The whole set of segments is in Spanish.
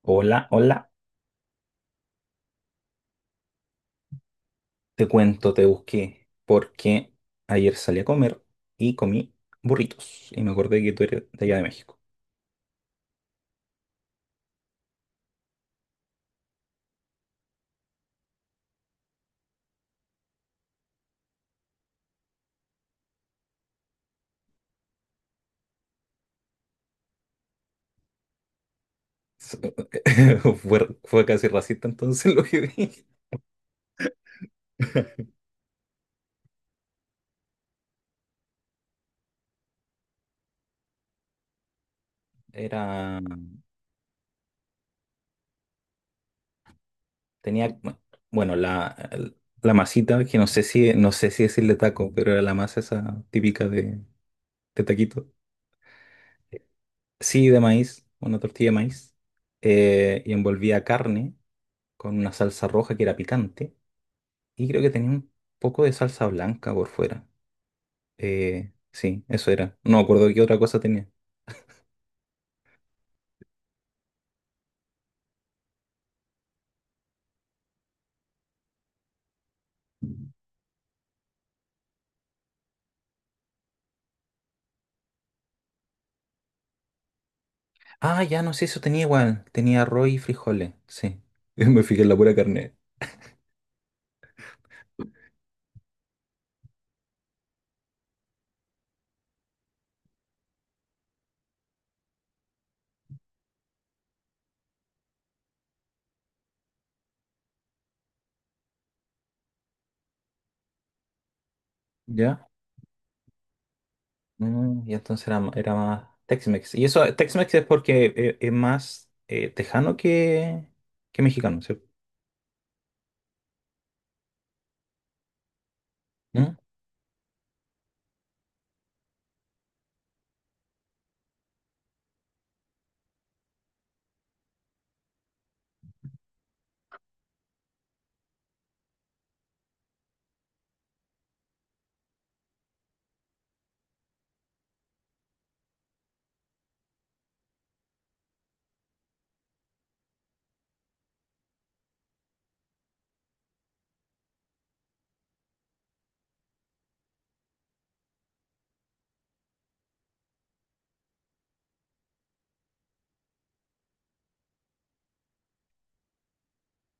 Hola, hola, te cuento, te busqué porque ayer salí a comer y comí burritos y me acordé que tú eres de allá de México. S- fue casi racista entonces lo que dije. Era, tenía, bueno, bueno, la masita, que no sé si decirle taco, pero era la masa esa típica de taquito. Sí, de maíz, una tortilla de maíz, y envolvía carne con una salsa roja que era picante. Y creo que tenía un poco de salsa blanca por fuera. Sí, eso era. No me acuerdo qué otra cosa tenía. Ah, ya no sé, eso tenía igual. Tenía arroz y frijoles, sí. Me fijé en la pura carne. ¿Ya? Y entonces era, era más Tex-Mex. Y eso, Tex-Mex es porque es más tejano que, mexicano, ¿cierto? ¿Mm?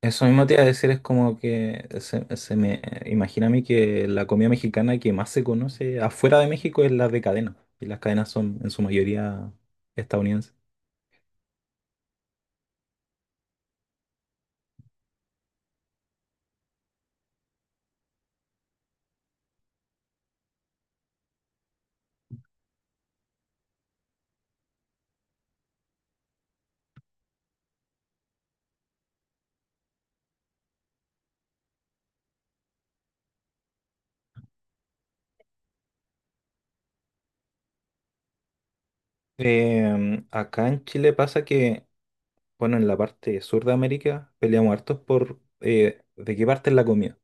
Eso mismo te iba a decir, es como que se me imagina a mí que la comida mexicana que más se conoce afuera de México es la de cadena, y las cadenas son en su mayoría estadounidenses. Acá en Chile pasa que, bueno, en la parte sur de América peleamos hartos por de qué parte es la comida.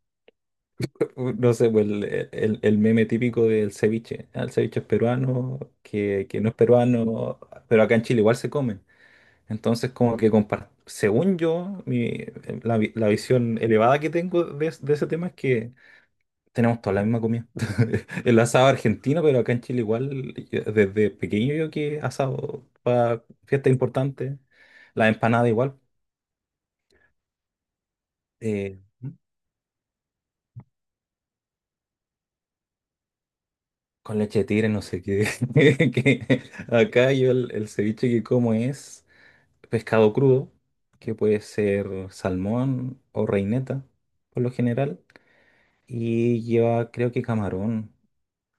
No sé, pues el meme típico del ceviche. Ah, el ceviche es peruano, que no es peruano, pero acá en Chile igual se come. Entonces, como que según yo, la visión elevada que tengo de ese tema es que tenemos toda la misma comida. El asado argentino, pero acá en Chile igual, desde pequeño yo que asado para fiestas importantes, la empanada igual, eh, con leche de tigre, no sé qué. Que acá yo el ceviche que como es pescado crudo, que puede ser salmón o reineta, por lo general. Y lleva, creo que camarón,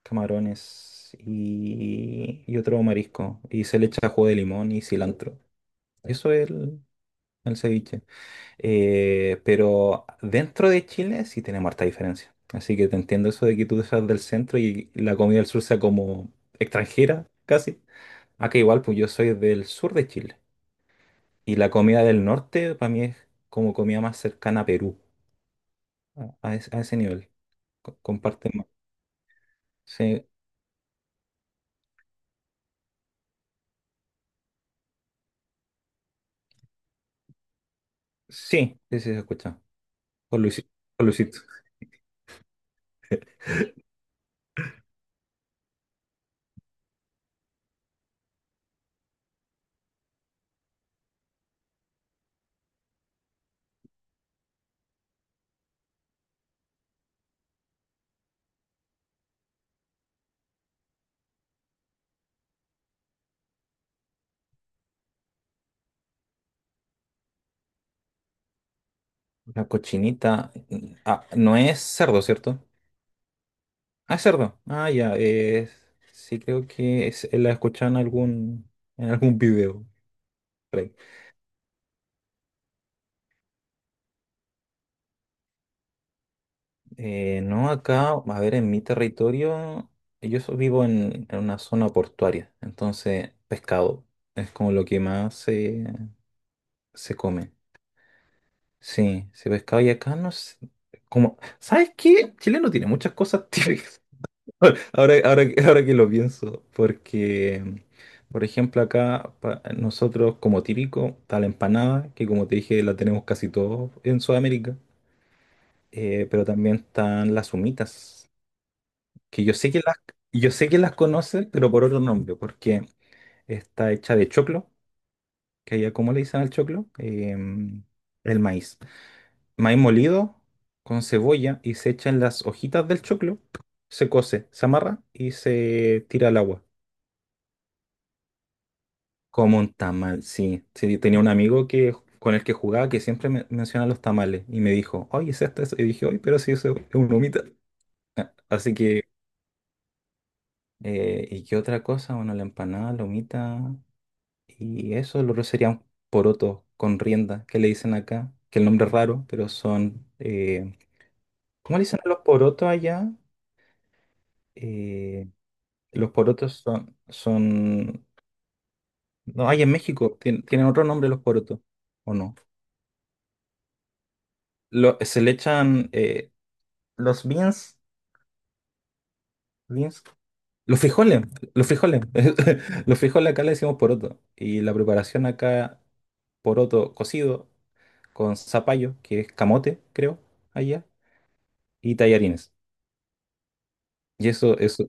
camarones y otro marisco. Y se le echa jugo de limón y cilantro. Eso es el ceviche. Pero dentro de Chile sí tenemos harta diferencia. Así que te entiendo eso de que tú seas del centro y la comida del sur sea como extranjera, casi. Acá igual, pues yo soy del sur de Chile. Y la comida del norte para mí es como comida más cercana a Perú, a ese nivel. Comparten más. Sí. Sí, sí, sí, se escucha. Con Luisi- con Luisito. La cochinita. Ah, no es cerdo, ¿cierto? Ah, es cerdo. Ah, ya. Es. Sí, creo que es, la he escuchado en en algún video, por ahí. No, acá, a ver, en mi territorio, vivo en una zona portuaria. Entonces, pescado es como lo que más se come. Sí, sí, pescado. Y acá no sé. Como, ¿sabes qué? Chile no tiene muchas cosas típicas. Ahora que lo pienso, porque, por ejemplo, acá nosotros como típico está la empanada, que como te dije la tenemos casi todos en Sudamérica, pero también están las humitas, que yo sé que las conocen, pero por otro nombre, porque está hecha de choclo, que allá como le dicen al choclo. El maíz. Maíz molido con cebolla y se echan las hojitas del choclo, se cose, se amarra y se tira al agua. Como un tamal, sí. Sí, tenía un amigo que, con el que jugaba que siempre me, menciona los tamales y me dijo, oye, ¿es esto, eso? Y dije, oye, pero sí, eso es una humita. Ah, así que, ¿y qué otra cosa? Bueno, la empanada, la humita y eso, lo otro sería un poroto con rienda, que le dicen acá, que el nombre es raro, pero son, ¿cómo le dicen a los porotos allá? Eh, los porotos son. No, hay en México, tienen otro nombre los porotos, ¿o no? Se le echan, los beans, beans, los los frijoles. Los frijoles acá le decimos poroto. Y la preparación acá, poroto cocido con zapallo, que es camote, creo, allá, y tallarines. Y eso,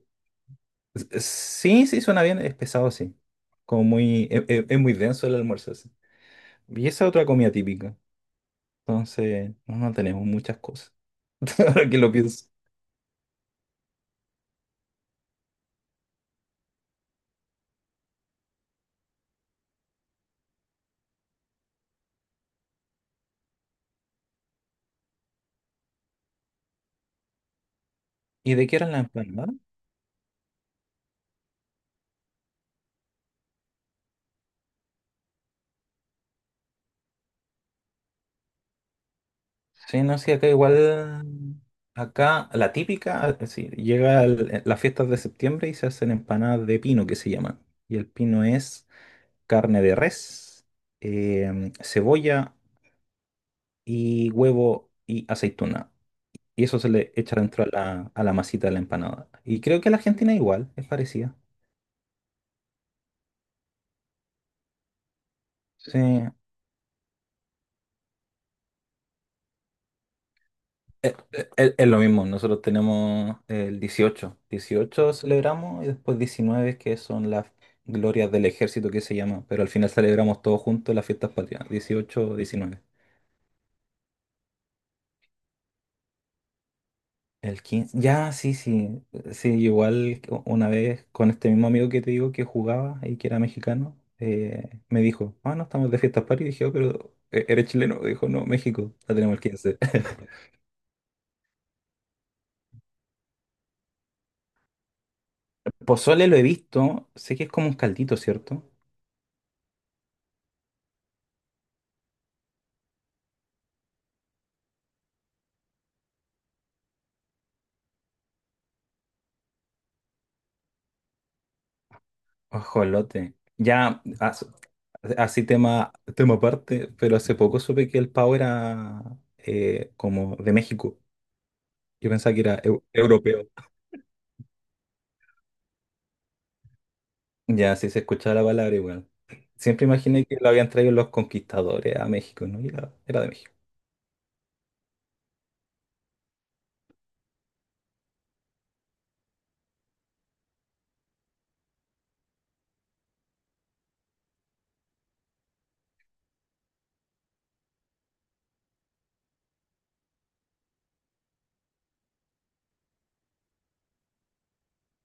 sí, sí, suena bien, es pesado, sí. Como muy, es, muy denso el almuerzo, sí. Y esa es otra comida típica. Entonces, no, no tenemos muchas cosas, ahora que lo pienso. ¿Y de qué eran las empanadas? Sí, no, sí, acá igual, acá la típica, sí, llega las fiestas de septiembre y se hacen empanadas de pino que se llaman. Y el pino es carne de res, cebolla y huevo y aceituna. Y eso se le echa dentro a a la masita de la empanada. Y creo que la Argentina igual, es parecida. Sí. Lo mismo, nosotros tenemos el dieciocho. Dieciocho celebramos y después 19, que son las glorias del ejército que se llama, pero al final celebramos todos juntos las fiestas patrias, 18, 19. El quince ya, sí, sí, sí, igual que una vez con este mismo amigo que te digo que jugaba y que era mexicano, me dijo, ah, no, estamos de fiestas patrias, y dije: "Oh, pero eres chileno". Dijo: "No, México, la tenemos el 15". Pozole lo he visto, sé que es como un caldito, ¿cierto? Ajolote. Ya, así tema aparte, pero hace poco supe que el pavo era como de México. Yo pensaba que era europeo. Ya, si se escuchaba la palabra igual. Siempre imaginé que lo habían traído los conquistadores a México, ¿no? Y era de México.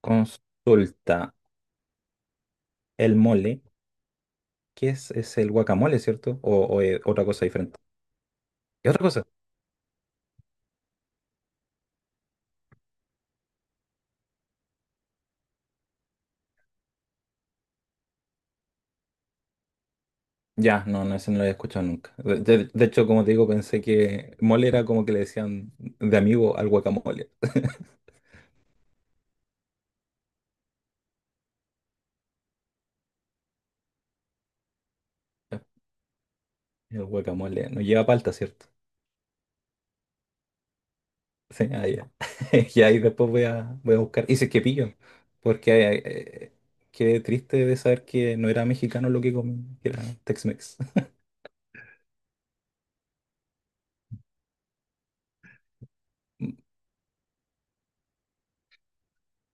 Consulta, el mole, ¿qué es? ¿Es el guacamole, cierto? ¿O, es otra cosa diferente? ¿Es otra cosa? Ya, no, no, ese no lo había escuchado nunca. De hecho, como te digo, pensé que mole era como que le decían de amigo al guacamole. El guacamole no lleva palta, ¿cierto? Sí, ah, ya. Y ahí después voy a buscar. Y si es que pillo, porque qué triste de saber que no era mexicano lo que comí, que era Tex-Mex.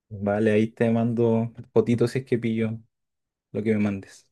Vale, ahí te mando fotito si es que pillo lo que me mandes.